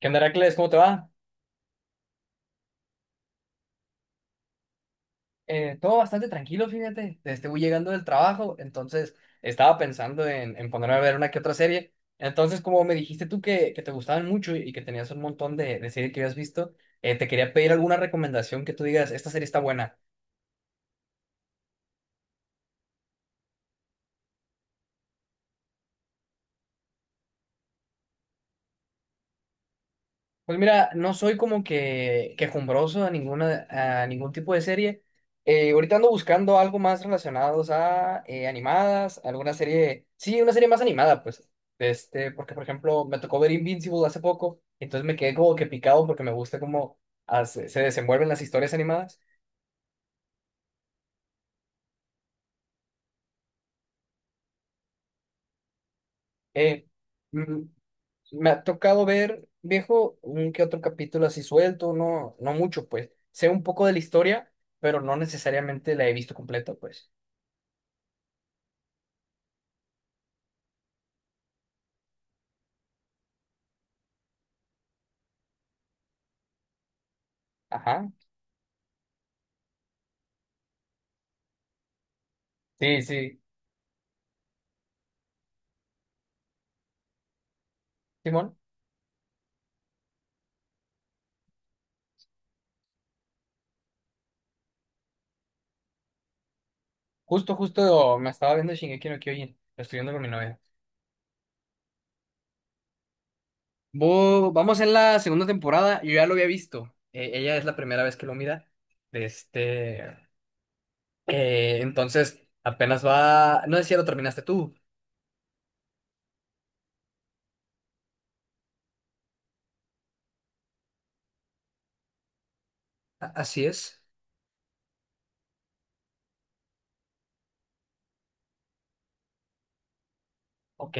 ¿Qué onda, Heracles? ¿Cómo te va? Todo bastante tranquilo, fíjate. Este, voy llegando del trabajo, entonces estaba pensando en ponerme a ver una que otra serie. Entonces, como me dijiste tú que te gustaban mucho y que tenías un montón de series que habías visto, te quería pedir alguna recomendación que tú digas, esta serie está buena. Pues mira, no soy como que quejumbroso a ninguna a ningún tipo de serie. Ahorita ando buscando algo más relacionados a animadas, alguna serie, sí, una serie más animada, pues. Este, porque por ejemplo, me tocó ver Invincible hace poco, entonces me quedé como que picado porque me gusta cómo se desenvuelven las historias animadas. Eh, mm, Me ha tocado ver, viejo, un que otro capítulo así suelto, no, no mucho, pues. Sé un poco de la historia, pero no necesariamente la he visto completa, pues. Ajá. Sí, sí. Simón, justo me estaba viendo Shingeki no Kyojin. Lo estoy viendo con mi novia. Vamos en la segunda temporada. Yo ya lo había visto. Ella es la primera vez que lo mira. De este, entonces, apenas va. No sé si ya lo terminaste tú. A- Así es. Ok.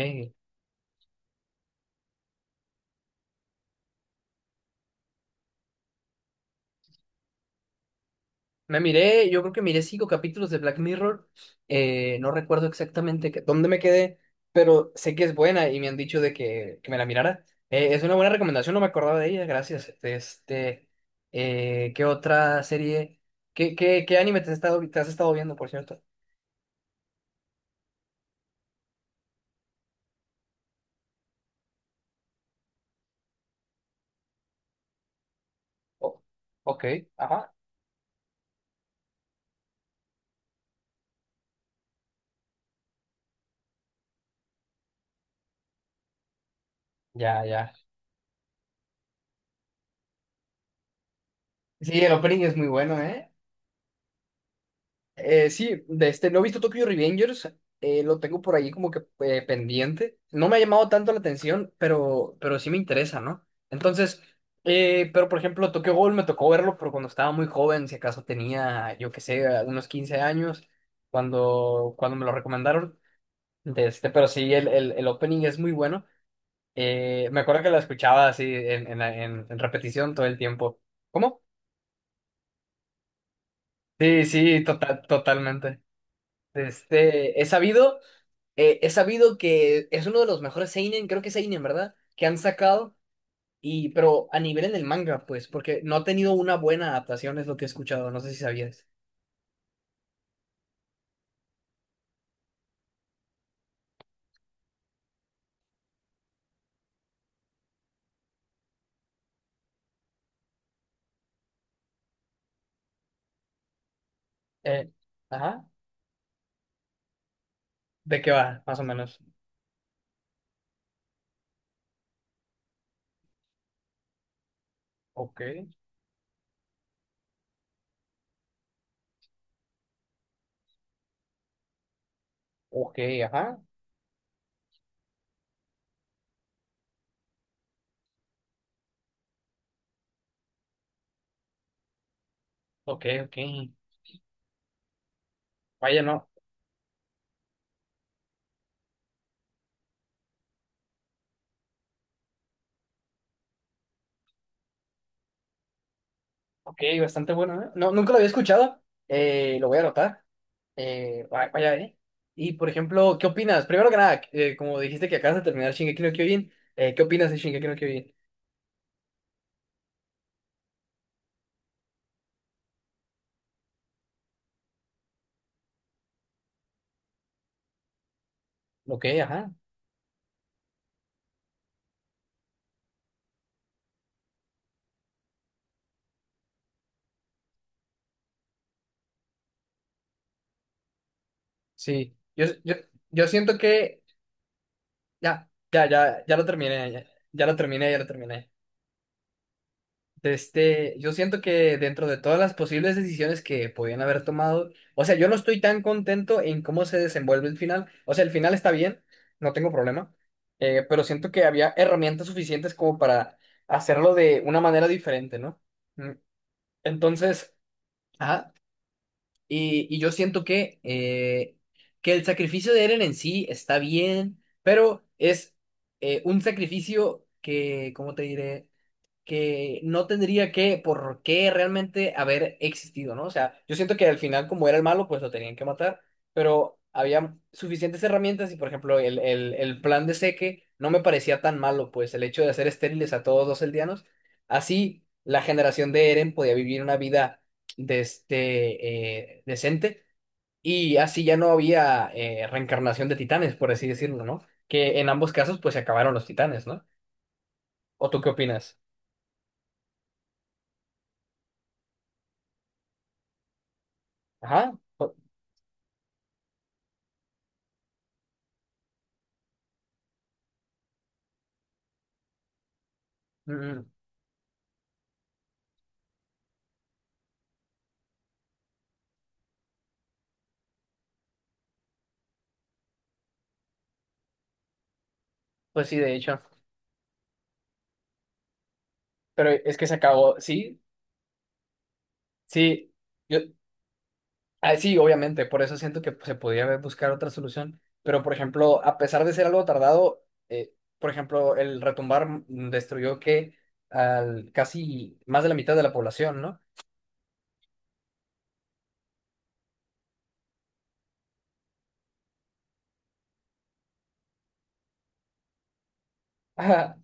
Me miré, yo creo que miré cinco capítulos de Black Mirror. No recuerdo exactamente dónde me quedé, pero sé que es buena y me han dicho de que me la mirara. Es una buena recomendación, no me acordaba de ella, gracias. Este, ¿qué otra serie? ¿Qué anime te has estado viendo, por cierto? Oh, ok, ajá, ya, ya. Sí, el opening es muy bueno, ¿eh? Sí, de este, no he visto Tokyo Revengers, lo tengo por ahí como que pendiente. No me ha llamado tanto la atención, pero sí me interesa, ¿no? Entonces, pero por ejemplo, Tokyo Ghoul me tocó verlo, pero cuando estaba muy joven, si acaso tenía, yo qué sé, unos 15 años, cuando me lo recomendaron. De este, pero sí, el opening es muy bueno. Me acuerdo que lo escuchaba así en repetición todo el tiempo. ¿Cómo? Sí, sí, totalmente. Este, he sabido. He sabido que es uno de los mejores seinen, creo que es seinen, ¿verdad? Que han sacado, y pero a nivel en el manga, pues, porque no ha tenido una buena adaptación, es lo que he escuchado, no sé si sabías. Eh, ajá, ¿De qué va, más o menos? Ok, ok, ajá, ok, ok. Vaya, no, ok, bastante bueno, ¿eh? No, nunca lo había escuchado, lo voy a anotar. Vaya, ¿eh? Y, por ejemplo, ¿qué opinas? Primero que nada, como dijiste que acabas de terminar Shingeki no Kyojin, ¿qué opinas de Shingeki no Kyojin? Ok, ajá. Sí, yo siento que ya, ya, ya, ya lo terminé, ya, ya lo terminé, ya lo terminé. De este, yo siento que dentro de todas las posibles decisiones que podían haber tomado, o sea, yo no estoy tan contento en cómo se desenvuelve el final. O sea, el final está bien, no tengo problema, pero siento que había herramientas suficientes como para hacerlo de una manera diferente, ¿no? Mm, entonces, ajá, y yo siento que el sacrificio de Eren en sí está bien, pero es un sacrificio que, ¿cómo te diré? Que no tendría que, por qué realmente haber existido, ¿no? O sea, yo siento que al final, como era el malo, pues lo tenían que matar, pero había suficientes herramientas y, por ejemplo, el plan de Seque no me parecía tan malo, pues el hecho de hacer estériles a todos los eldianos, así la generación de Eren podía vivir una vida decente y así ya no había reencarnación de titanes, por así decirlo, ¿no? Que en ambos casos, pues se acabaron los titanes, ¿no? ¿O tú qué opinas? Ajá. Mm, pues sí, de hecho. Pero es que se acabó. Sí, sí. Yo, ah, sí, obviamente. Por eso siento que se podía haber buscar otra solución. Pero, por ejemplo, a pesar de ser algo tardado, por ejemplo, el retumbar destruyó que al casi más de la mitad de la población, ¿no? Ajá.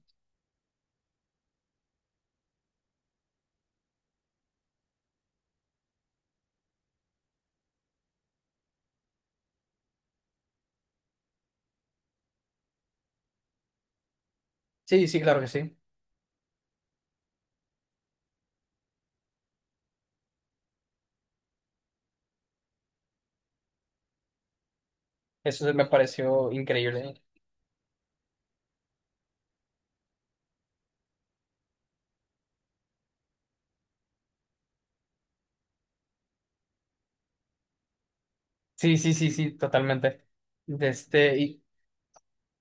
Sí, sí, claro que sí. Eso me pareció increíble. Sí, sí, sí, sí, totalmente. De este, y,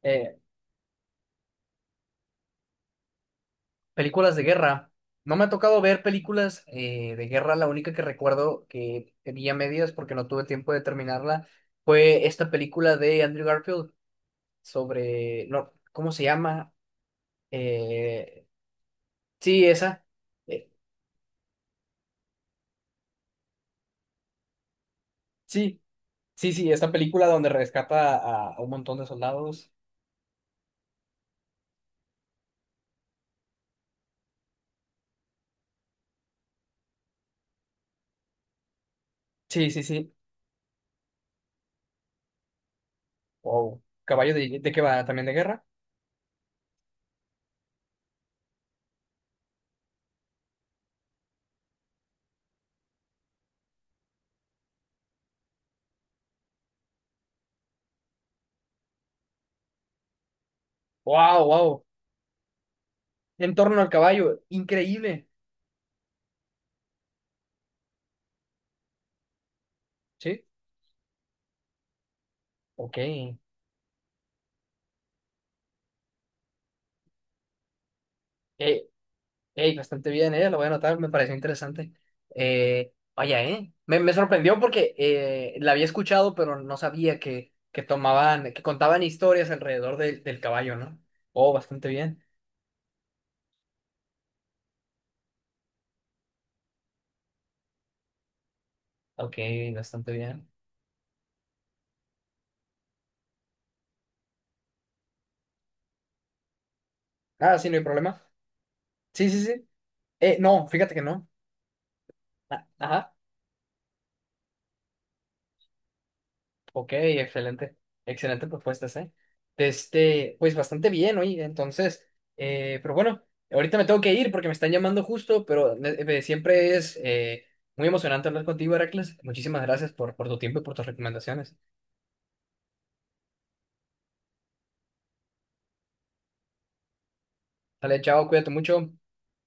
eh, películas de guerra. No me ha tocado ver películas de guerra. La única que recuerdo que vi a medias porque no tuve tiempo de terminarla fue esta película de Andrew Garfield sobre, no, ¿cómo se llama? Eh, sí, esa. Eh, sí, sí, sí, esta película donde rescata a un montón de soldados. Sí, sí, sí. Wow. ¿Caballo de qué va? ¿También de guerra? Wow, wow. En torno al caballo. Increíble. Sí. Ok. Eh, ey, bastante bien, ¿eh? Lo voy a anotar, me pareció interesante. Vaya, ¿eh? Me sorprendió porque la había escuchado, pero no sabía que tomaban, que contaban historias alrededor del caballo, ¿no? Oh, bastante bien. Ok, bastante bien. Ah, sí, no hay problema. Sí, sí, sí. No, fíjate que no. Ah, ajá. Ok, excelente, excelente propuestas, ¿eh? De este, pues bastante bien, oye, entonces, pero bueno, ahorita me tengo que ir porque me están llamando justo, pero siempre es muy emocionante hablar contigo, Heracles. Muchísimas gracias por tu tiempo y por tus recomendaciones. Dale, chao, cuídate mucho.